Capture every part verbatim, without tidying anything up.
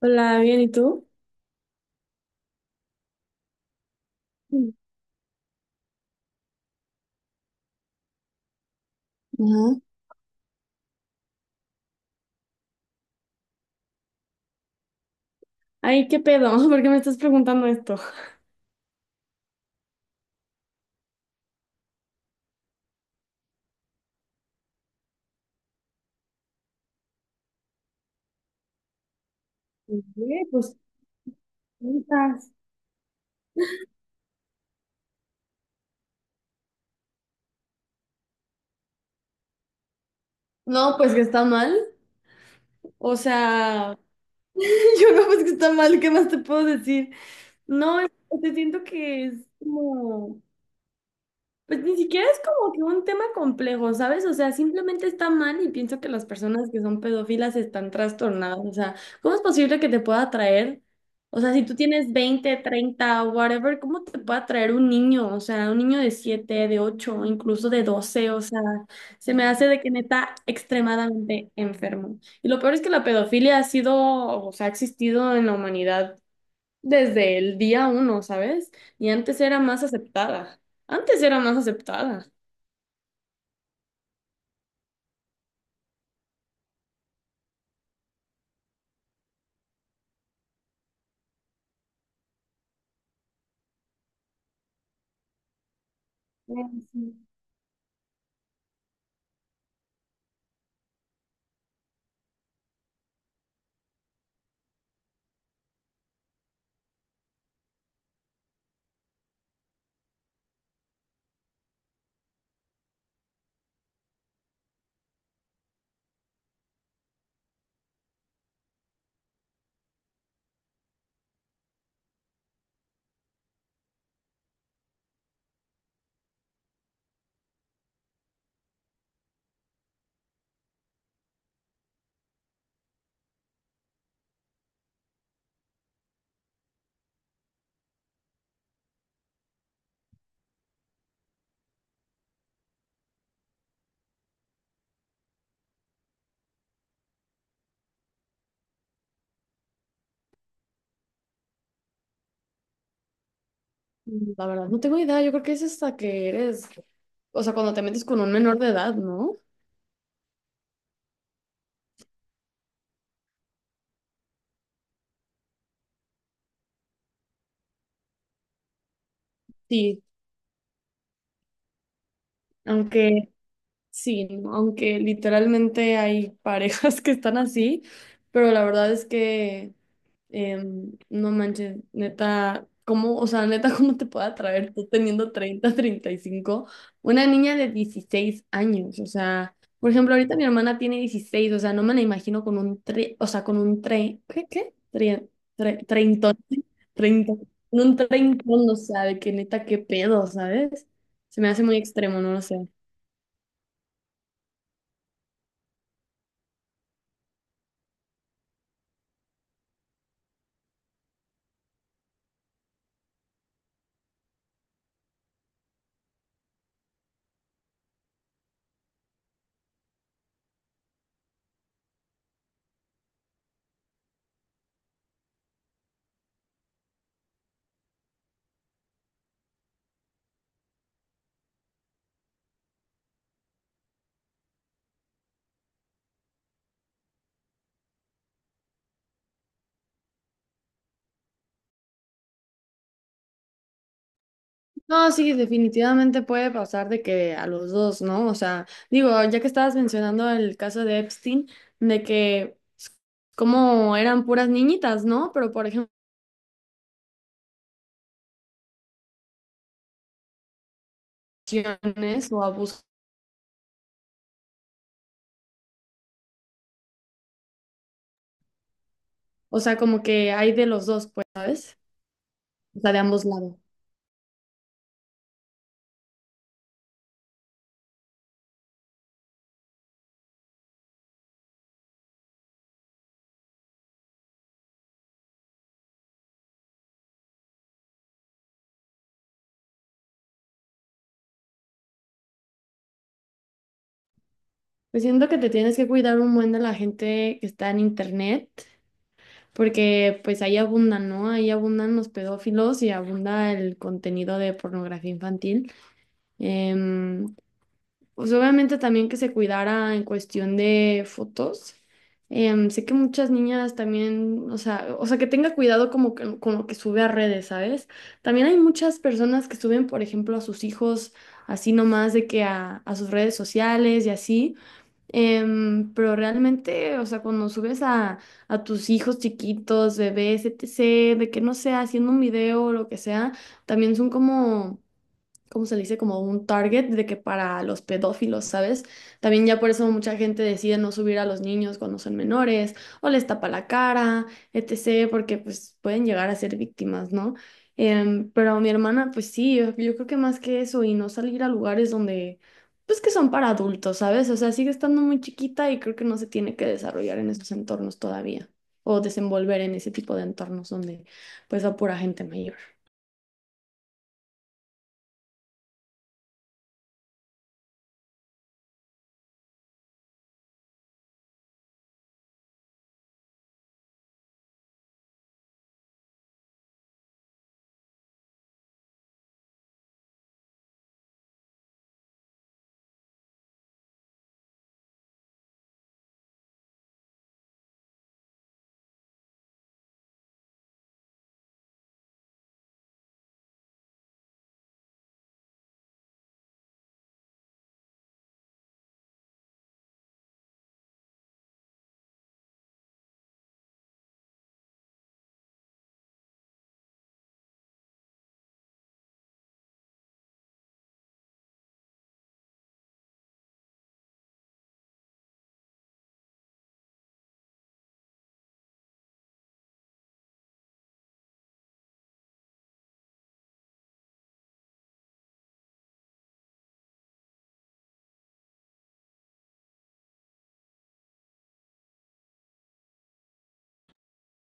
Hola, bien, ¿y tú? Mm. Ajá. Ay, ¿qué pedo? ¿Por qué me estás preguntando esto? ¿Qué? Pues juntas. No, pues que está mal. O sea, yo no, pues que está mal, ¿qué más te puedo decir? No, es- te siento que es como. Pues ni siquiera es como que un tema complejo, ¿sabes? O sea, simplemente está mal y pienso que las personas que son pedófilas están trastornadas. O sea, ¿cómo es posible que te pueda atraer? O sea, si tú tienes veinte, treinta, whatever, ¿cómo te puede atraer un niño? O sea, un niño de siete, de ocho, incluso de doce. O sea, se me hace de que neta extremadamente enfermo. Y lo peor es que la pedofilia ha sido, o sea, ha existido en la humanidad desde el día uno, ¿sabes? Y antes era más aceptada. Antes era más aceptada. Mm, sí. Mm, la verdad, no tengo idea. Yo creo que es hasta que eres, o sea, cuando te metes con un menor de edad, ¿no? Sí, aunque, sí, ¿no?, aunque literalmente hay parejas que están así, pero la verdad es que. Em, no manches, neta, ¿cómo, o sea, neta, cómo te puede atraer tú teniendo treinta, treinta y cinco, una niña de dieciséis años? O sea, por ejemplo, ahorita mi hermana tiene dieciséis, o sea, no me la imagino con un tre, o sea, con un tre, ¿qué, qué? Tre, tre- treintón, treintón, con un treintón, o sea, de que neta, qué pedo, ¿sabes? Se me hace muy extremo, no lo sé. No, sí, definitivamente puede pasar de que a los dos, ¿no? O sea, digo, ya que estabas mencionando el caso de Epstein, de que s- como eran puras niñitas, ¿no? Pero por ejemplo, violaciones o abuso, o sea, como que hay de los dos, pues, ¿sabes? O sea, de ambos lados. Pues siento que te tienes que cuidar un buen de la gente que está en internet, porque pues ahí abundan, ¿no? Ahí abundan los pedófilos y abunda el contenido de pornografía infantil. Em, Pues obviamente también que se cuidara en cuestión de fotos. Em, sé que muchas niñas también, o sea, o sea, que tenga cuidado como que con lo que sube a redes, ¿sabes? También hay muchas personas que suben, por ejemplo, a sus hijos así nomás de que a, a sus redes sociales y así. Em, pero realmente, o sea, cuando subes a, a tus hijos chiquitos, bebés, etcétera, de que no sea haciendo un video o lo que sea, también son como, ¿cómo se le dice? Como un target de que para los pedófilos, ¿sabes? También ya por eso mucha gente decide no subir a los niños cuando son menores o les tapa la cara, etcétera, porque pues pueden llegar a ser víctimas, ¿no? Em, pero mi hermana, pues sí, yo, yo creo que más que eso y no salir a lugares donde, pues que son para adultos, ¿sabes? O sea, sigue estando muy chiquita y creo que no se tiene que desarrollar en esos entornos todavía, o desenvolver en ese tipo de entornos donde pues va pura gente mayor.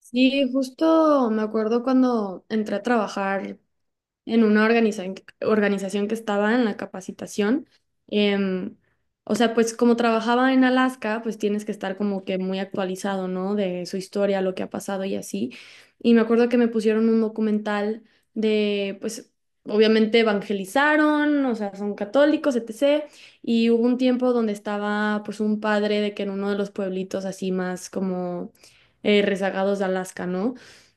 Sí, justo me acuerdo cuando entré a trabajar en una organiza- organización que estaba en la capacitación. em, o sea, pues como trabajaba en Alaska, pues tienes que estar como que muy actualizado, ¿no? De su historia, lo que ha pasado y así. Y me acuerdo que me pusieron un documental de, pues, obviamente evangelizaron, o sea, son católicos, etcétera. Y hubo un tiempo donde estaba, pues, un padre de que en uno de los pueblitos así más como eh, rezagados de Alaska, ¿no?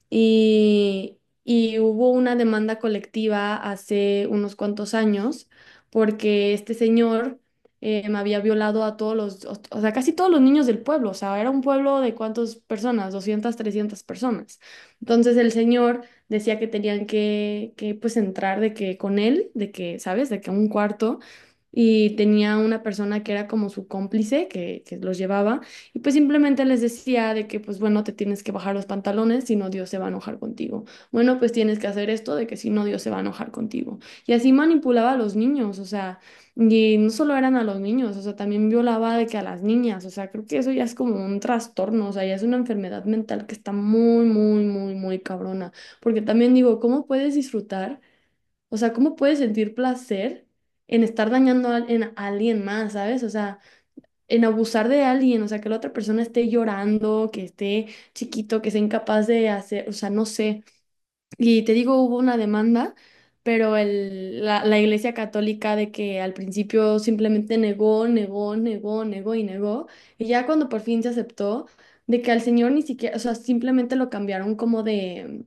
Y, y hubo una demanda colectiva hace unos cuantos años porque este señor eh, me había violado a todos los, o o sea, casi todos los niños del pueblo. O sea, era un pueblo de cuántas personas, doscientas trescientas personas. Entonces el señor decía que tenían que, que pues entrar de que con él, de que, ¿sabes? De que un cuarto. Y tenía una persona que era como su cómplice, que, que los llevaba, y pues simplemente les decía de que, pues bueno, te tienes que bajar los pantalones, si no Dios se va a enojar contigo. Bueno, pues tienes que hacer esto de que si no Dios se va a enojar contigo. Y así manipulaba a los niños, o sea, y no solo eran a los niños, o sea, también violaba de que a las niñas, o sea, creo que eso ya es como un trastorno, o sea, ya es una enfermedad mental que está muy, muy, muy, muy cabrona. Porque también digo, ¿cómo puedes disfrutar? O sea, ¿cómo puedes sentir placer en estar dañando a, en a alguien más, ¿sabes? O sea, en abusar de alguien, o sea, que la otra persona esté llorando, que esté chiquito, que sea incapaz de hacer, o sea, no sé. Y te digo, hubo una demanda, pero el- la, la Iglesia Católica de que al principio simplemente negó, negó, negó, negó y negó, y ya cuando por fin se aceptó, de que al señor ni siquiera, o sea, simplemente lo cambiaron como de,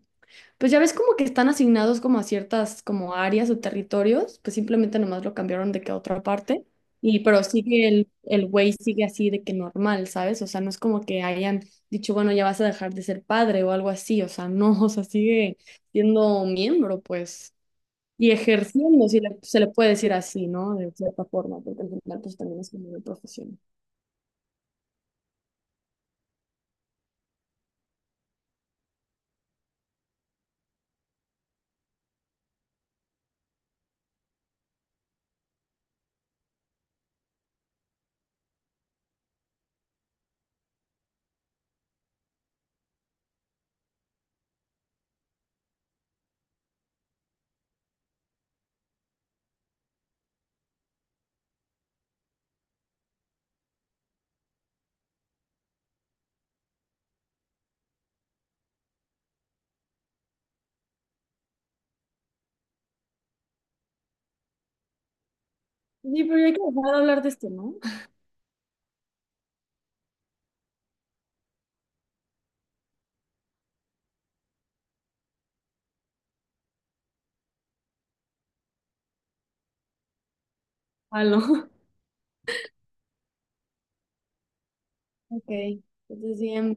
pues ya ves como que están asignados como a ciertas como áreas o territorios, pues simplemente nomás lo cambiaron de que a otra parte. Y pero sigue el, el güey sigue así de que normal, ¿sabes? O sea, no es como que hayan dicho, bueno, ya vas a dejar de ser padre o algo así, o sea, no, o sea, sigue siendo miembro, pues, y ejerciendo, si le- se le puede decir así, ¿no? De cierta forma, porque al final pues también es como una profesión. Sí, pero ya hay que dejar de hablar de esto, ¿no? Aló. Ok, entonces bien.